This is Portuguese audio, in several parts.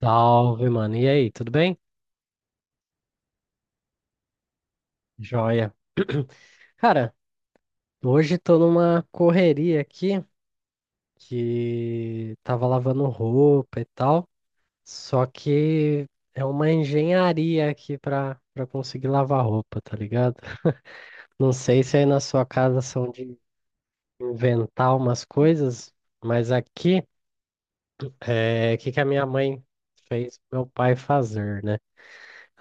Salve, mano. E aí, tudo bem? Joia. Cara, hoje tô numa correria aqui que tava lavando roupa e tal, só que é uma engenharia aqui pra conseguir lavar roupa, tá ligado? Não sei se aí na sua casa são de inventar umas coisas, mas aqui é o que que a minha mãe fez meu pai fazer, né?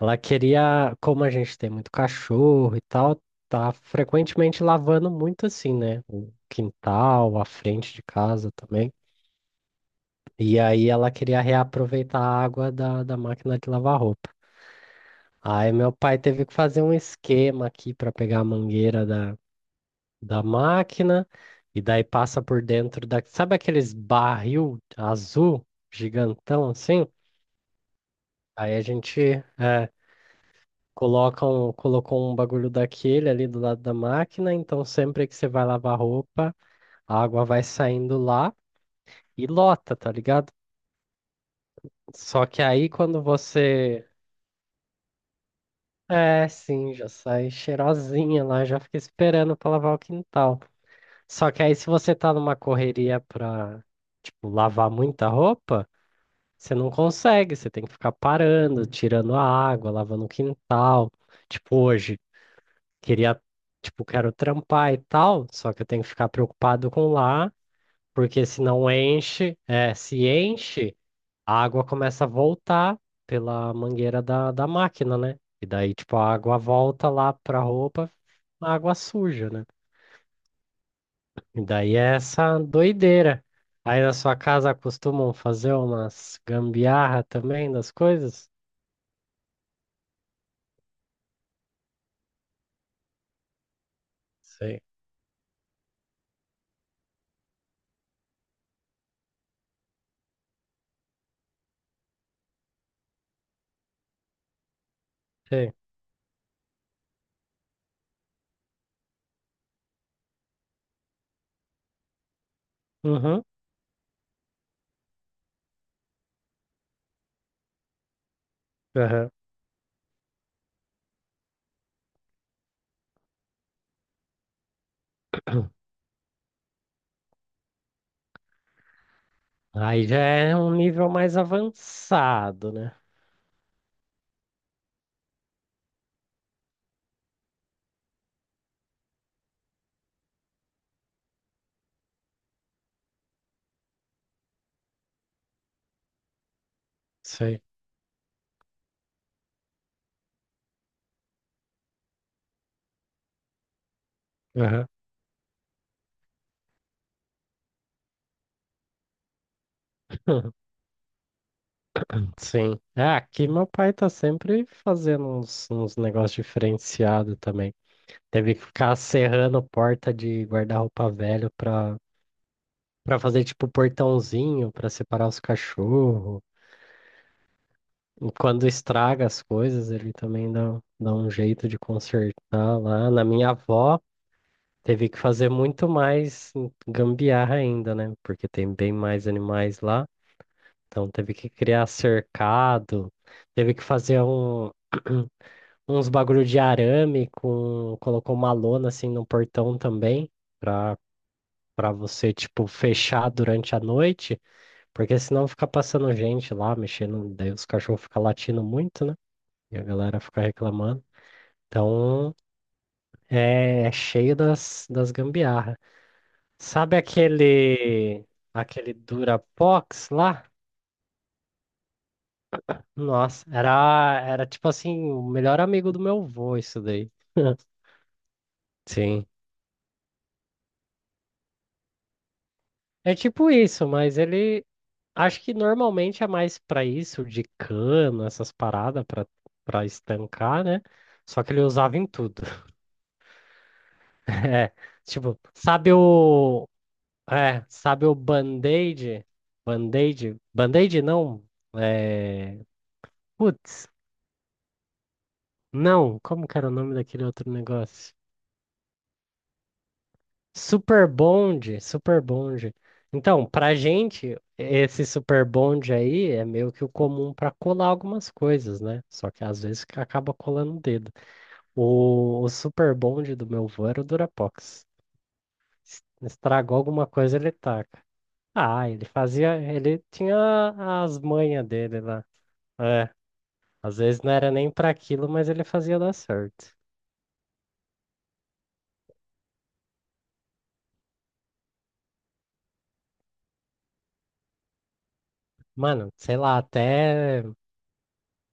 Ela queria, como a gente tem muito cachorro e tal, tá frequentemente lavando muito assim, né? O quintal, a frente de casa também. E aí ela queria reaproveitar a água da máquina de lavar roupa. Aí meu pai teve que fazer um esquema aqui para pegar a mangueira da máquina e daí passa por dentro. Sabe aqueles barril azul gigantão assim? Aí a gente, é, colocou um bagulho daquele ali do lado da máquina, então sempre que você vai lavar roupa, a água vai saindo lá e lota, tá ligado? Só que aí quando você. É, sim, já sai cheirosinha lá, já fica esperando pra lavar o quintal. Só que aí se você tá numa correria pra, tipo, lavar muita roupa, você não consegue, você tem que ficar parando, tirando a água, lavando o quintal. Tipo hoje. Queria, tipo, quero trampar e tal, só que eu tenho que ficar preocupado com lá, porque se não enche, se enche, a água começa a voltar pela mangueira da máquina, né? E daí, tipo, a água volta lá pra roupa, a água suja, né? E daí é essa doideira. Aí na sua casa costumam fazer umas gambiarra também das coisas? Sei, sei. Uhum, aham. Aí já é um nível mais avançado, né? Sei. Aham. Sim. É, aqui meu pai tá sempre fazendo uns negócios diferenciados também. Teve que ficar serrando porta de guarda-roupa velho pra fazer tipo portãozinho pra separar os cachorros. E quando estraga as coisas, ele também dá um jeito de consertar lá. Na minha avó, teve que fazer muito mais gambiarra ainda, né? Porque tem bem mais animais lá. Então teve que criar cercado, teve que fazer uns bagulho de arame colocou uma lona assim no portão também, para para você tipo fechar durante a noite, porque senão fica passando gente lá mexendo, daí os cachorros ficam latindo muito, né? E a galera fica reclamando. Então é cheio das gambiarra. Sabe aquele Durapox lá? Nossa, era tipo assim, o melhor amigo do meu avô, isso daí. Sim. É tipo isso, mas ele acho que normalmente é mais pra isso, de cano, essas paradas pra para estancar, né? Só que ele usava em tudo. É, tipo, sabe o Band-Aid? Band-Aid? Band-Aid não. É, putz, não, como que era o nome daquele outro negócio? Super bonde, super bonde. Então, pra gente, esse super bonde aí é meio que o comum para colar algumas coisas, né? Só que às vezes que acaba colando o dedo. O super bonde do meu avô era o Durapox. Estragou alguma coisa, ele taca. Ah, ele fazia, ele tinha as manhas dele lá. É, às vezes não era nem pra aquilo, mas ele fazia dar certo. Mano, sei lá, até.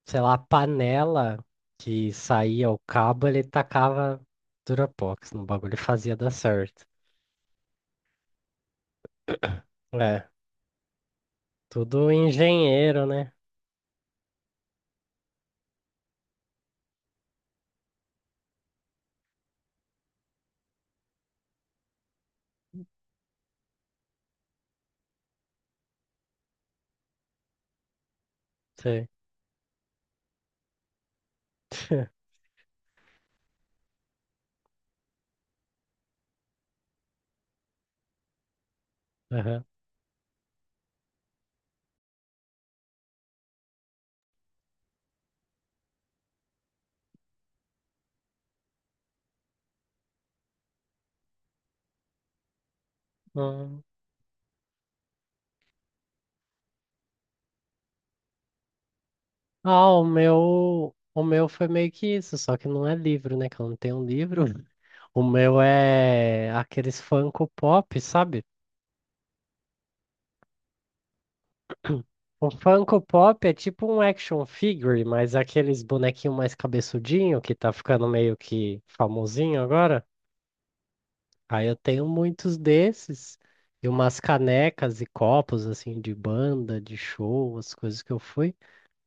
Sei lá, a panela que saía o cabo, ele tacava Durapox no bagulho e fazia dar certo. É, tudo engenheiro, né? Sei. Aham. Hum. Ah, o meu foi meio que isso, só que não é livro, né? Que eu não tenho um livro. O meu é aqueles Funko Pop, sabe? O Funko Pop é tipo um action figure, mas é aqueles bonequinho mais cabeçudinho que tá ficando meio que famosinho agora. Aí eu tenho muitos desses e umas canecas e copos assim de banda, de show, as coisas que eu fui.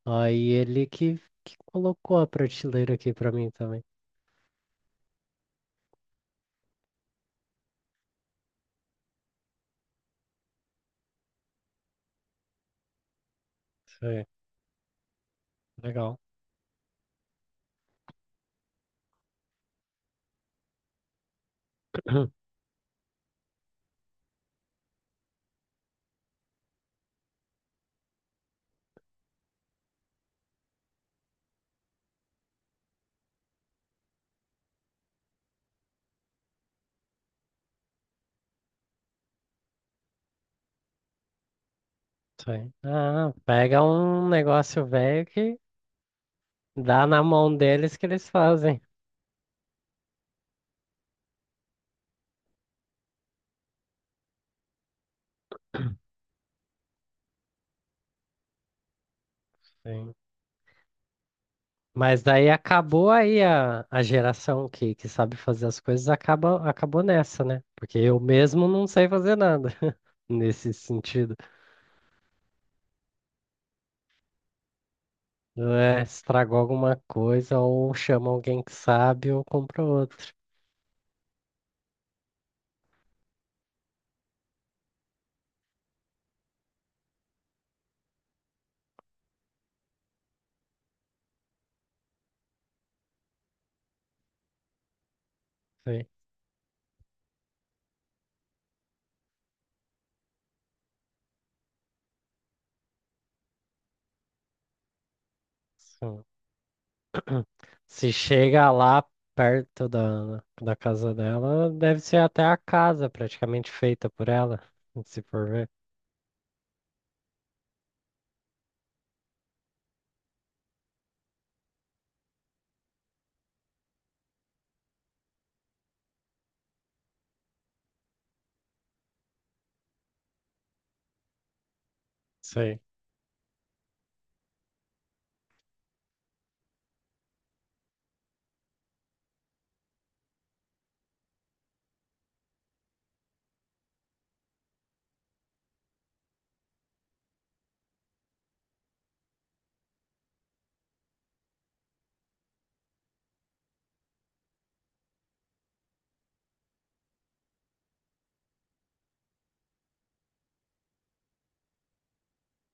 Aí ele que colocou a prateleira aqui pra mim também. Sei, legal. Sei. Ah, pega um negócio velho que dá na mão deles que eles fazem. Sim. Mas daí acabou aí a geração que sabe fazer as coisas acabou nessa, né? Porque eu mesmo não sei fazer nada nesse sentido. É, estragou alguma coisa, ou chama alguém que sabe, ou compra outro. Sim. Sim. Se chega lá perto da casa dela, deve ser até a casa praticamente feita por ela, se for ver. Sei.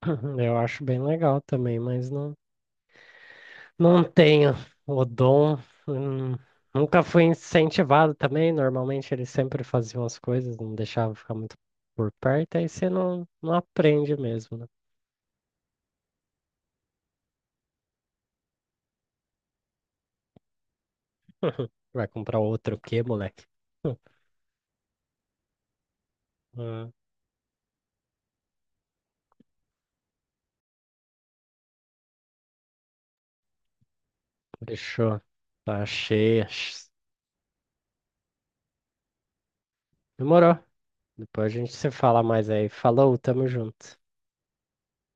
Eu acho bem legal também, mas não tenho o dom. hum, Nunca fui incentivado também. Normalmente eles sempre faziam as coisas, não deixavam ficar muito por perto, aí você não aprende mesmo, né? Vai comprar outro o quê, moleque? Ah, fechou. Tá cheia. Demorou. Depois a gente se fala mais aí. Falou, tamo junto.